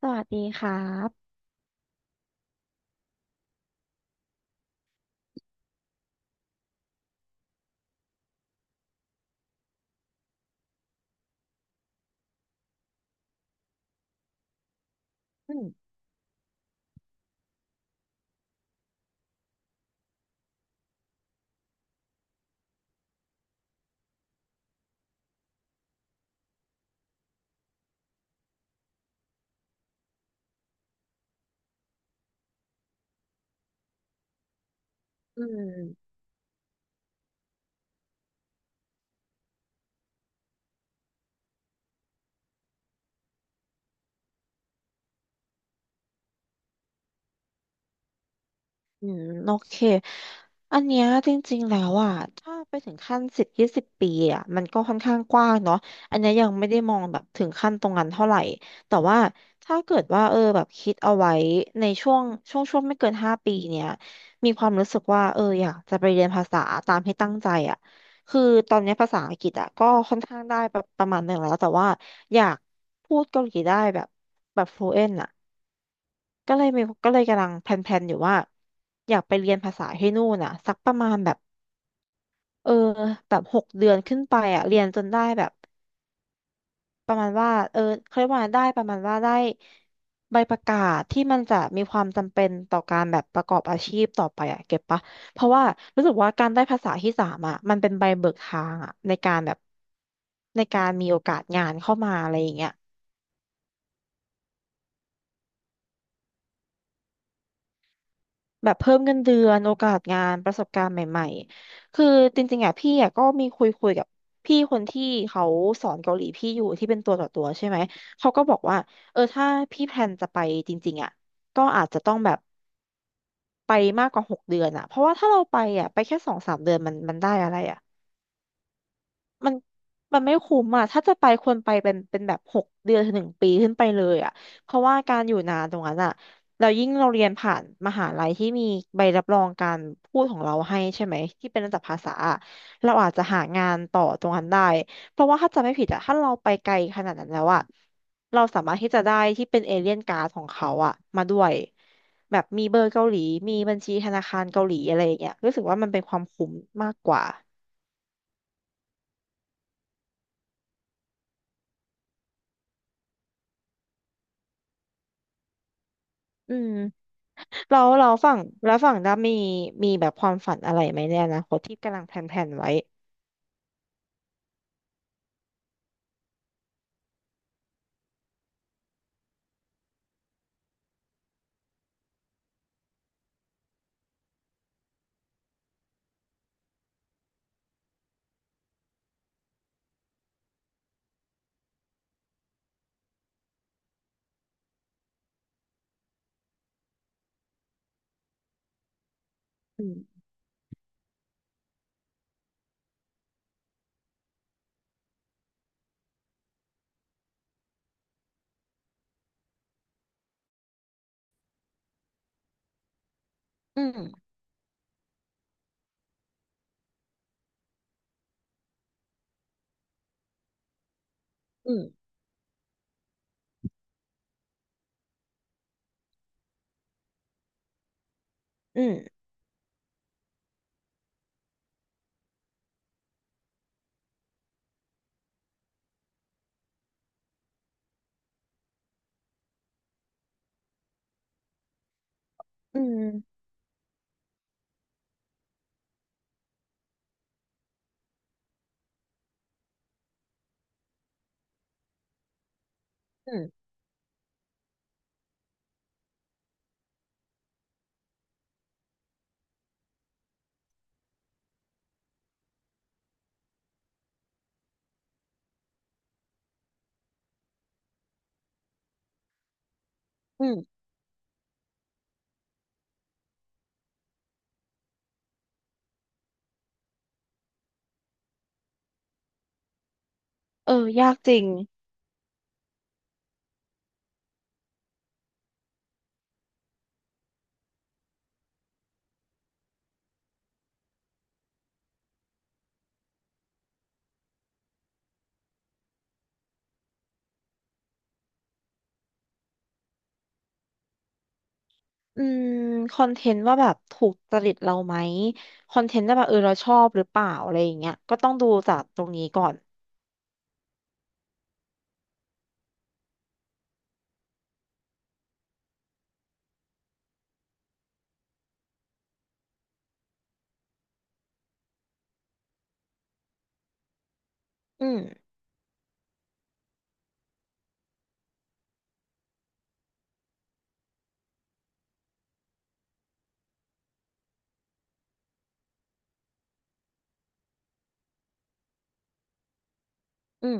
สวัสดีครับอืมอืมอืมโอเคอันเนี้ยจริงๆ แล้วอ่ะ ถ้าไปถึงขั้น10-20 ปีอ่ะมันก็ค่อนข้างกว้างเนาะอันเนี้ยยังไม่ได้มองแบบถึงขั้นตรงนั้นเท่าไหร่ แต่ว่าถ้าเกิดว่าเออแบบคิดเอาไว้ในช่วงไม่เกิน5 ปีเนี้ย มีความรู้สึกว่าเอออยากจะไปเรียนภาษาตามที่ตั้งใจอ่ะคือตอนเนี้ยภาษาอังกฤษอ่ะก็ค่อนข้างได้ประมาณหนึ่งแล้วแต่ว่าอยากพูดเกาหลีได้แบบ fluent อ่ะ ก็เลยกำลังแพลนๆอยู่ว่าอยากไปเรียนภาษาให้นู่นอ่ะสักประมาณเออแบบหกเดือนขึ้นไปอ่ะเรียนจนได้แบบประมาณว่าเออเขาเรียกว่าได้ประมาณว่าได้ใบประกาศที่มันจะมีความจำเป็นต่อการแบบประกอบอาชีพต่อไปอ่ะเก็บปะเพราะว่ารู้สึกว่าการได้ภาษาที่สามอ่ะมันเป็นใบเบิกทางอ่ะในการแบบในการมีโอกาสงานเข้ามาอะไรอย่างเงี้ย แบบเพิ่มเงินเดือนโอกาสงานประสบการณ์ใหม่ๆ คือจริงๆอ่ะพี่อ่ะก็มีคุยกับพี่คนที่เขาสอนเกาหลีพี่อยู่ที่เป็นตัวต่อตัวใช่ไหม เขาก็บอกว่าเออถ้าพี่แพลนจะไปจริงๆอ่ะก็อาจจะต้องแบบไปมากกว่าหกเดือนอ่ะเพราะว่าถ้าเราไปอ่ะไปแค่2-3 เดือนมันได้อะไรอ่ะ มันมันไม่คุ้มอ่ะถ้าจะไปควรไปเป็นแบบ6 เดือน ถึง 1 ปีขึ้นไปเลยอ่ะเพราะว่าการอยู่นานตรงนั้นอ่ะเรายิ่งเราเรียนผ่านมหาลัยที่มีใบรับรองการพูดของเราให้ใช่ไหมที่เป็นระดับภาษาอะเราอาจจะหางานต่อตรงนั้นได้ เพราะว่าถ้าจำไม่ผิดอ่ะถ้าเราไปไกลขนาดนั้นแล้วอ่ะเราสามารถที่จะได้ที่เป็นเอเลียนการ์ดของเขาอ่ะมาด้วยแบบมีเบอร์เกาหลีมีบัญชีธนาคารเกาหลีอะไรอย่างเงี้ยรู้สึกว่ามันเป็นความคุ้มมากกว่าอืม เราฝั่งแล้วฝั่งด้ามีแบบความฝันอะไรไหมในอนาคตที่อืมอืมอืมอืมอืมอืมอืมเออยากจริงอืมคอนเทนต์ว่าแบบถูกจริตเราไหมคอนเทนต์ว่าแบบเออเราชอบหรือเปล่าอะไรอย่างเงี้ยก็ต้องดูจากตรงนี้ก่อนอืมอืม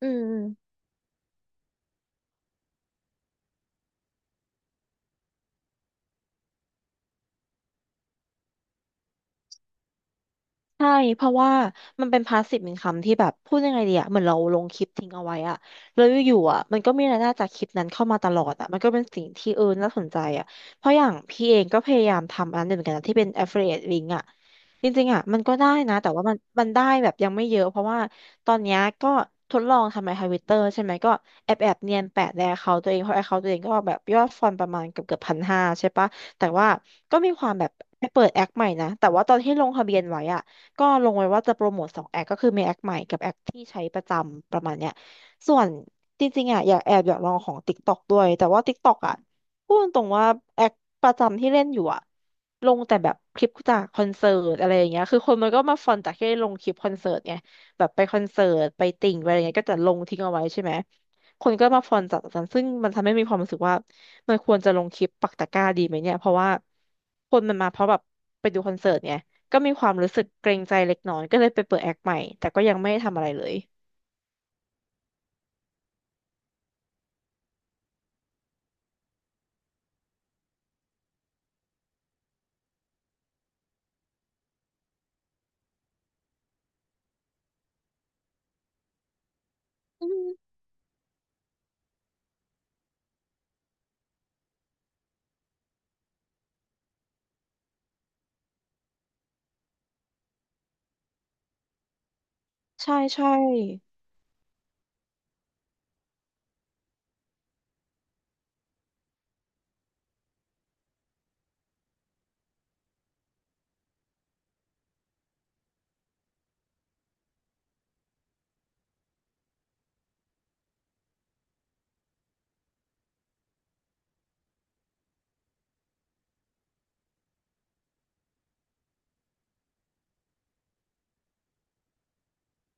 อืม ใช่เพราะว่ามันเป็นพาสซีฟอินคัมที่แบบพูดยังไงดีอะเหมือนเราลงคลิปทิ้งเอาไว้อะแล้วอยู่ๆอะมันก็มีรายได้จากคลิปนั้นเข้ามาตลอดอะมันก็เป็นสิ่งที่เออน่าสนใจอะเพราะอย่างพี่เองก็พยายามทำอันหนึ่งเหมือนกันนะที่เป็น affiliate link อะจริงๆอะมันก็ได้นะแต่ว่ามันได้แบบยังไม่เยอะเพราะว่าตอนเนี้ยก็ทดลองทำในทวิตเตอร์ใช่ไหมก็แอบเนียนแปะใน account ตัวเองเพราะ account ตัวเองก็แบบยอดฟอลประมาณเกือบ1,500ใช่ปะแต่ว่าก็มีความแบบไปเปิดแอคใหม่นะแต่ว่าตอนที่ลงทะเบียนไว้อะ ก็ลงไว้ว่าจะโปรโมทสองแอคก็คือมีแอคใหม่กับแอคที่ใช้ประจำประมาณเนี้ยส่วนจริงๆอ่ะอยากแอบอยากลองของ TikTok ด้วยแต่ว่า TikTok อ่ะพูดตรงๆว่าแอคประจำที่เล่นอยู่อ่ะลงแต่แบบคลิปจากคอนเสิร์ตอะไรอย่างเงี้ยคือคนมันก็มาฟอนจากที่ได้ลงคลิปคอนเสิร์ตไงแบบไปคอนเสิร์ตไปติ่งไปอะไรเงี้ยก็จะลงทิ้งเอาไว้ใช่ไหมคนก็มาฟอนจากนั้นซึ่งมันทำให้มีความรู้สึกว่ามันควรจะลงคลิปปักตะกร้าดีไหมเนี่ยเพราะว่าคนมันมาเพราะแบบไปดูคอนเสิร์ตไง ก็มีความรู้สึกเกรงใจเล็กน้อยก็เลยไปเปิดแอคใหม่แต่ก็ยังไม่ได้ทำอะไรเลยอืมใช่ใช่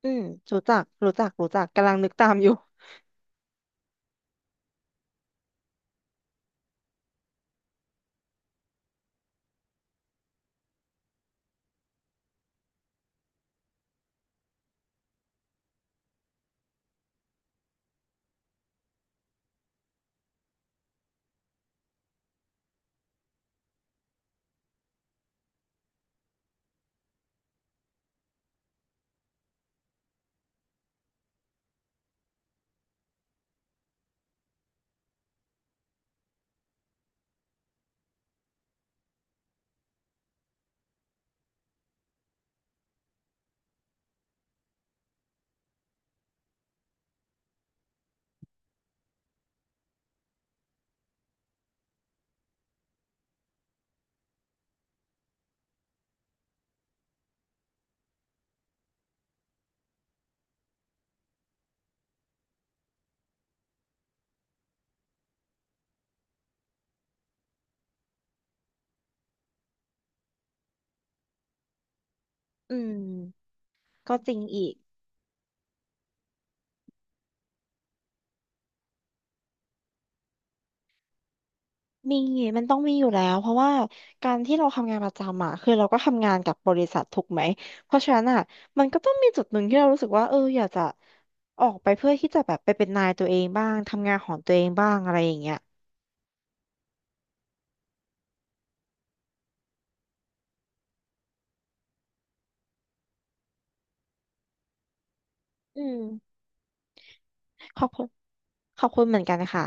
อืมรู้จักรู้จักรู้จักกำลังนึกตามอยู่อืมก็จริงอีกมีมันต้องมีอยู่แล้วเพราะว่าการที่เราทำงานประจำอ่ะคือเราก็ทำงานกับบริษัทถูกไหมเพราะฉะนั้นอ่ะมันก็ต้องมีจุดหนึ่งที่เรารู้สึกว่าเอออยากจะออกไปเพื่อที่จะแบบไปเป็นนายตัวเองบ้างทำงานของตัวเองบ้างอะไรอย่างเงี้ยอืมขอบคุณขอบคุณเหมือนกันค่ะ